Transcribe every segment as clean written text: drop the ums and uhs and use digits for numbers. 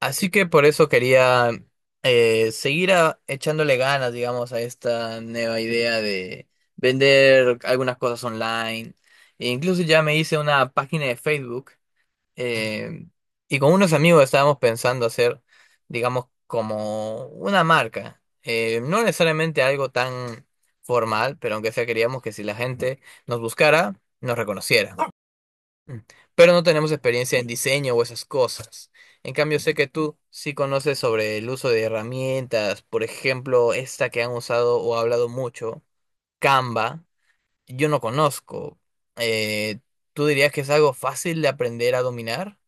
Así que por eso quería echándole ganas, digamos, a esta nueva idea de vender algunas cosas online. E incluso ya me hice una página de Facebook. eh, y con unos amigos estábamos pensando hacer, digamos, como una marca. No necesariamente algo tan formal, pero aunque sea queríamos que si la gente nos buscara, nos reconociera. Mm. Pero no tenemos experiencia en diseño o esas cosas. En cambio, sé que tú sí conoces sobre el uso de herramientas, por ejemplo, esta que han usado o hablado mucho, Canva, yo no conozco. Eh, ¿Tú dirías que es algo fácil de aprender a dominar?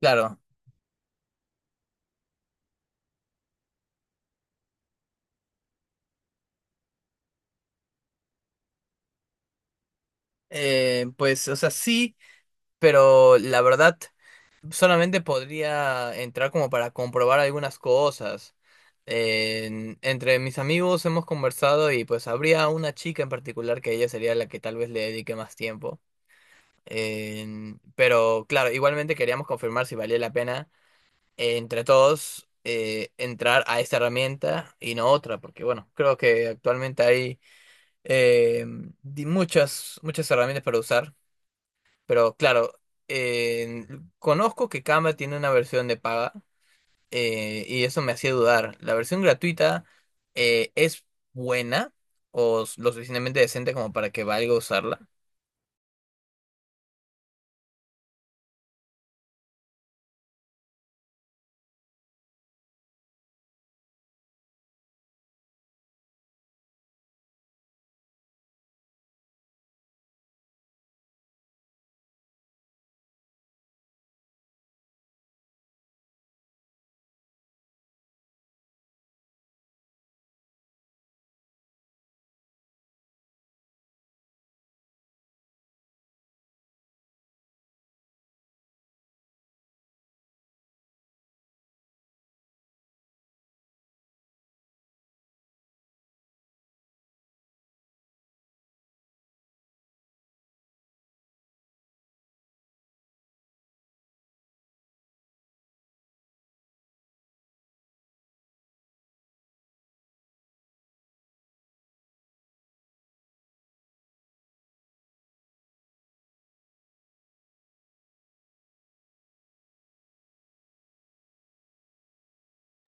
Claro. Pues o sea, sí, pero la verdad, solamente podría entrar como para comprobar algunas cosas. Entre mis amigos hemos conversado y pues habría una chica en particular que ella sería la que tal vez le dedique más tiempo. Pero claro, igualmente queríamos confirmar si valía la pena entre todos entrar a esta herramienta y no otra, porque bueno, creo que actualmente hay eh, muchas herramientas para usar, pero claro, conozco que Canva tiene una versión de paga, y eso me hacía dudar. ¿La versión gratuita es buena o lo suficientemente decente como para que valga usarla?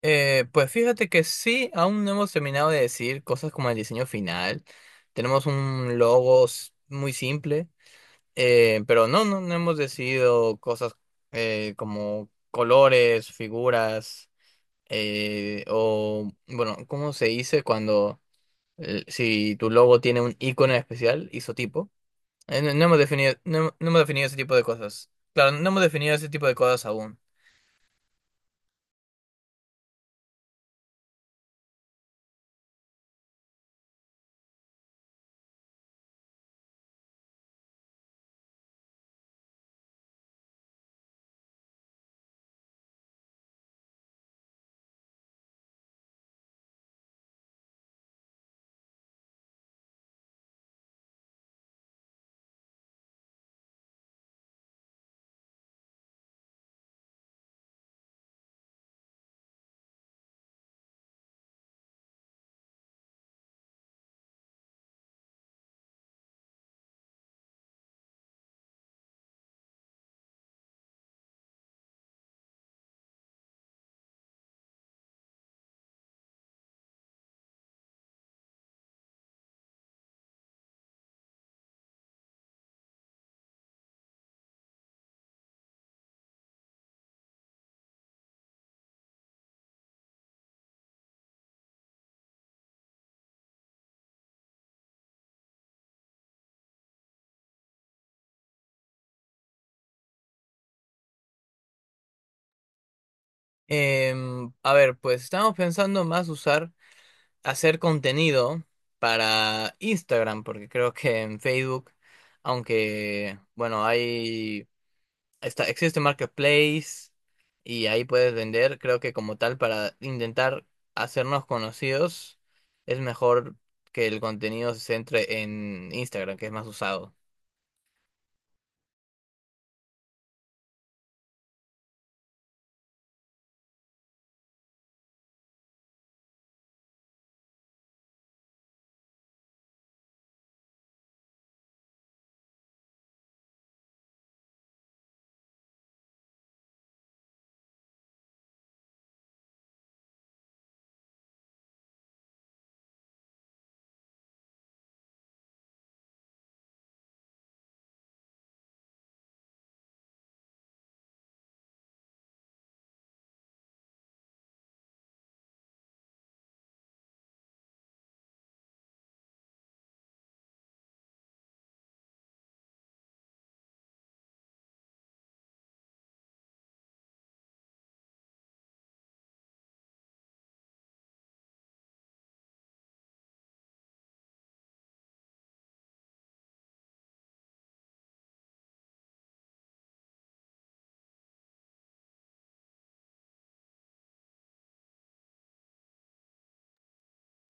Pues fíjate que sí, aún no hemos terminado de decir cosas como el diseño final. Tenemos un logo muy simple, pero no hemos decidido cosas como colores, figuras, o bueno, ¿cómo se dice cuando, si tu logo tiene un icono especial, isotipo? No hemos definido, no hemos definido ese tipo de cosas. Claro, no hemos definido ese tipo de cosas aún. A ver, pues estamos pensando más hacer contenido para Instagram, porque creo que en Facebook, aunque, bueno, existe Marketplace y ahí puedes vender, creo que como tal, para intentar hacernos conocidos, es mejor que el contenido se centre en Instagram, que es más usado.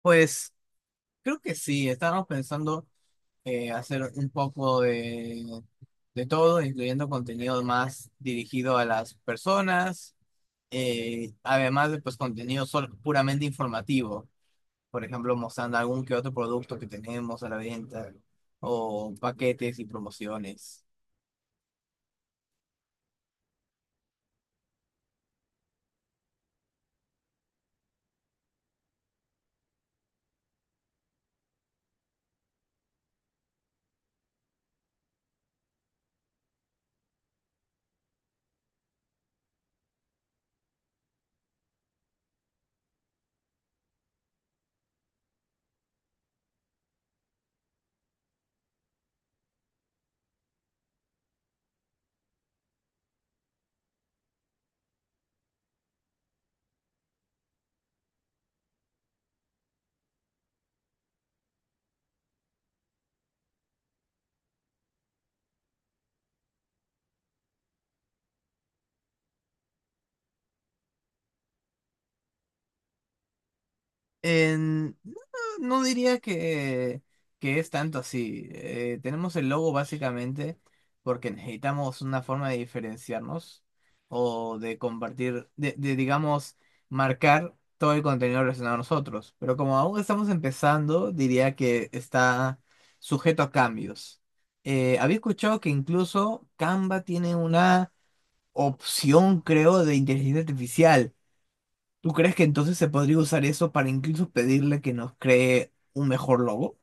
Pues creo que sí, estábamos pensando hacer un poco de todo, incluyendo contenido más dirigido a las personas, además de pues contenido puramente informativo, por ejemplo, mostrando algún que otro producto que tenemos a la venta, o paquetes y promociones. No, no diría que es tanto así. Tenemos el logo básicamente porque necesitamos una forma de diferenciarnos o de compartir, digamos, marcar todo el contenido relacionado a nosotros. Pero como aún estamos empezando, diría que está sujeto a cambios. Había escuchado que incluso Canva tiene una opción, creo, de inteligencia artificial. ¿Tú crees que entonces se podría usar eso para incluso pedirle que nos cree un mejor logo?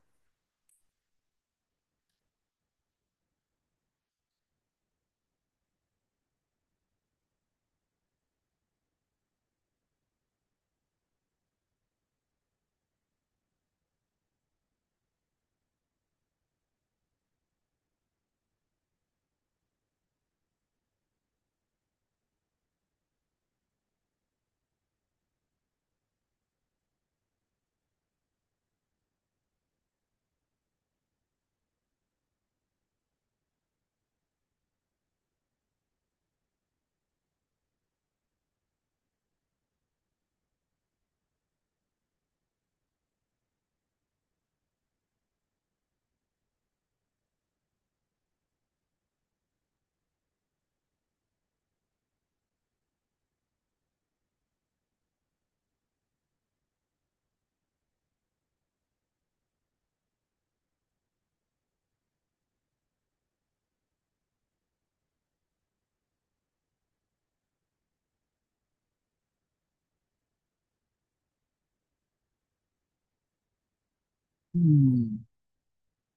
Mm.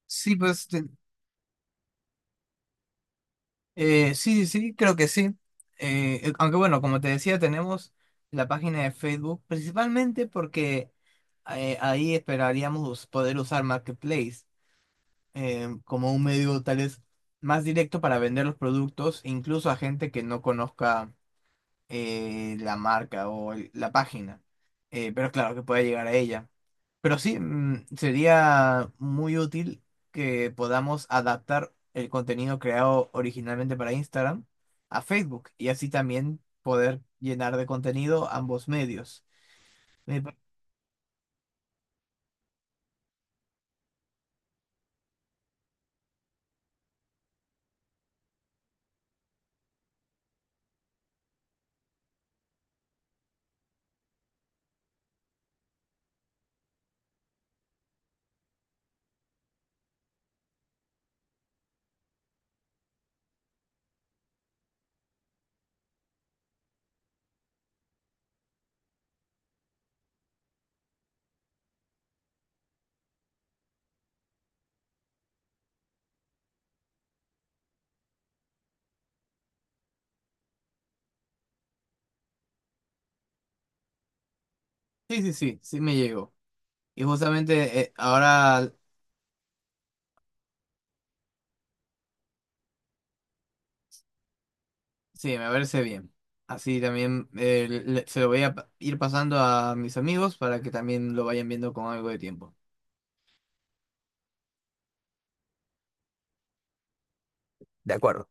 Sí, pues sí, sí, sí, creo que sí. Aunque bueno, como te decía, tenemos la página de Facebook, principalmente porque ahí esperaríamos poder usar Marketplace como un medio tal vez más directo para vender los productos, incluso a gente que no conozca la marca o la página. Pero claro que pueda llegar a ella. Pero sí, mm, sería muy útil que podamos adaptar el contenido creado originalmente para Instagram a Facebook y así también poder llenar de contenido ambos medios. Me pa- Sí, sí, sí, sí me llegó. Y justamente ahora sí, me parece bien. Así también se lo voy a ir pasando a mis amigos para que también lo vayan viendo con algo de tiempo. De acuerdo.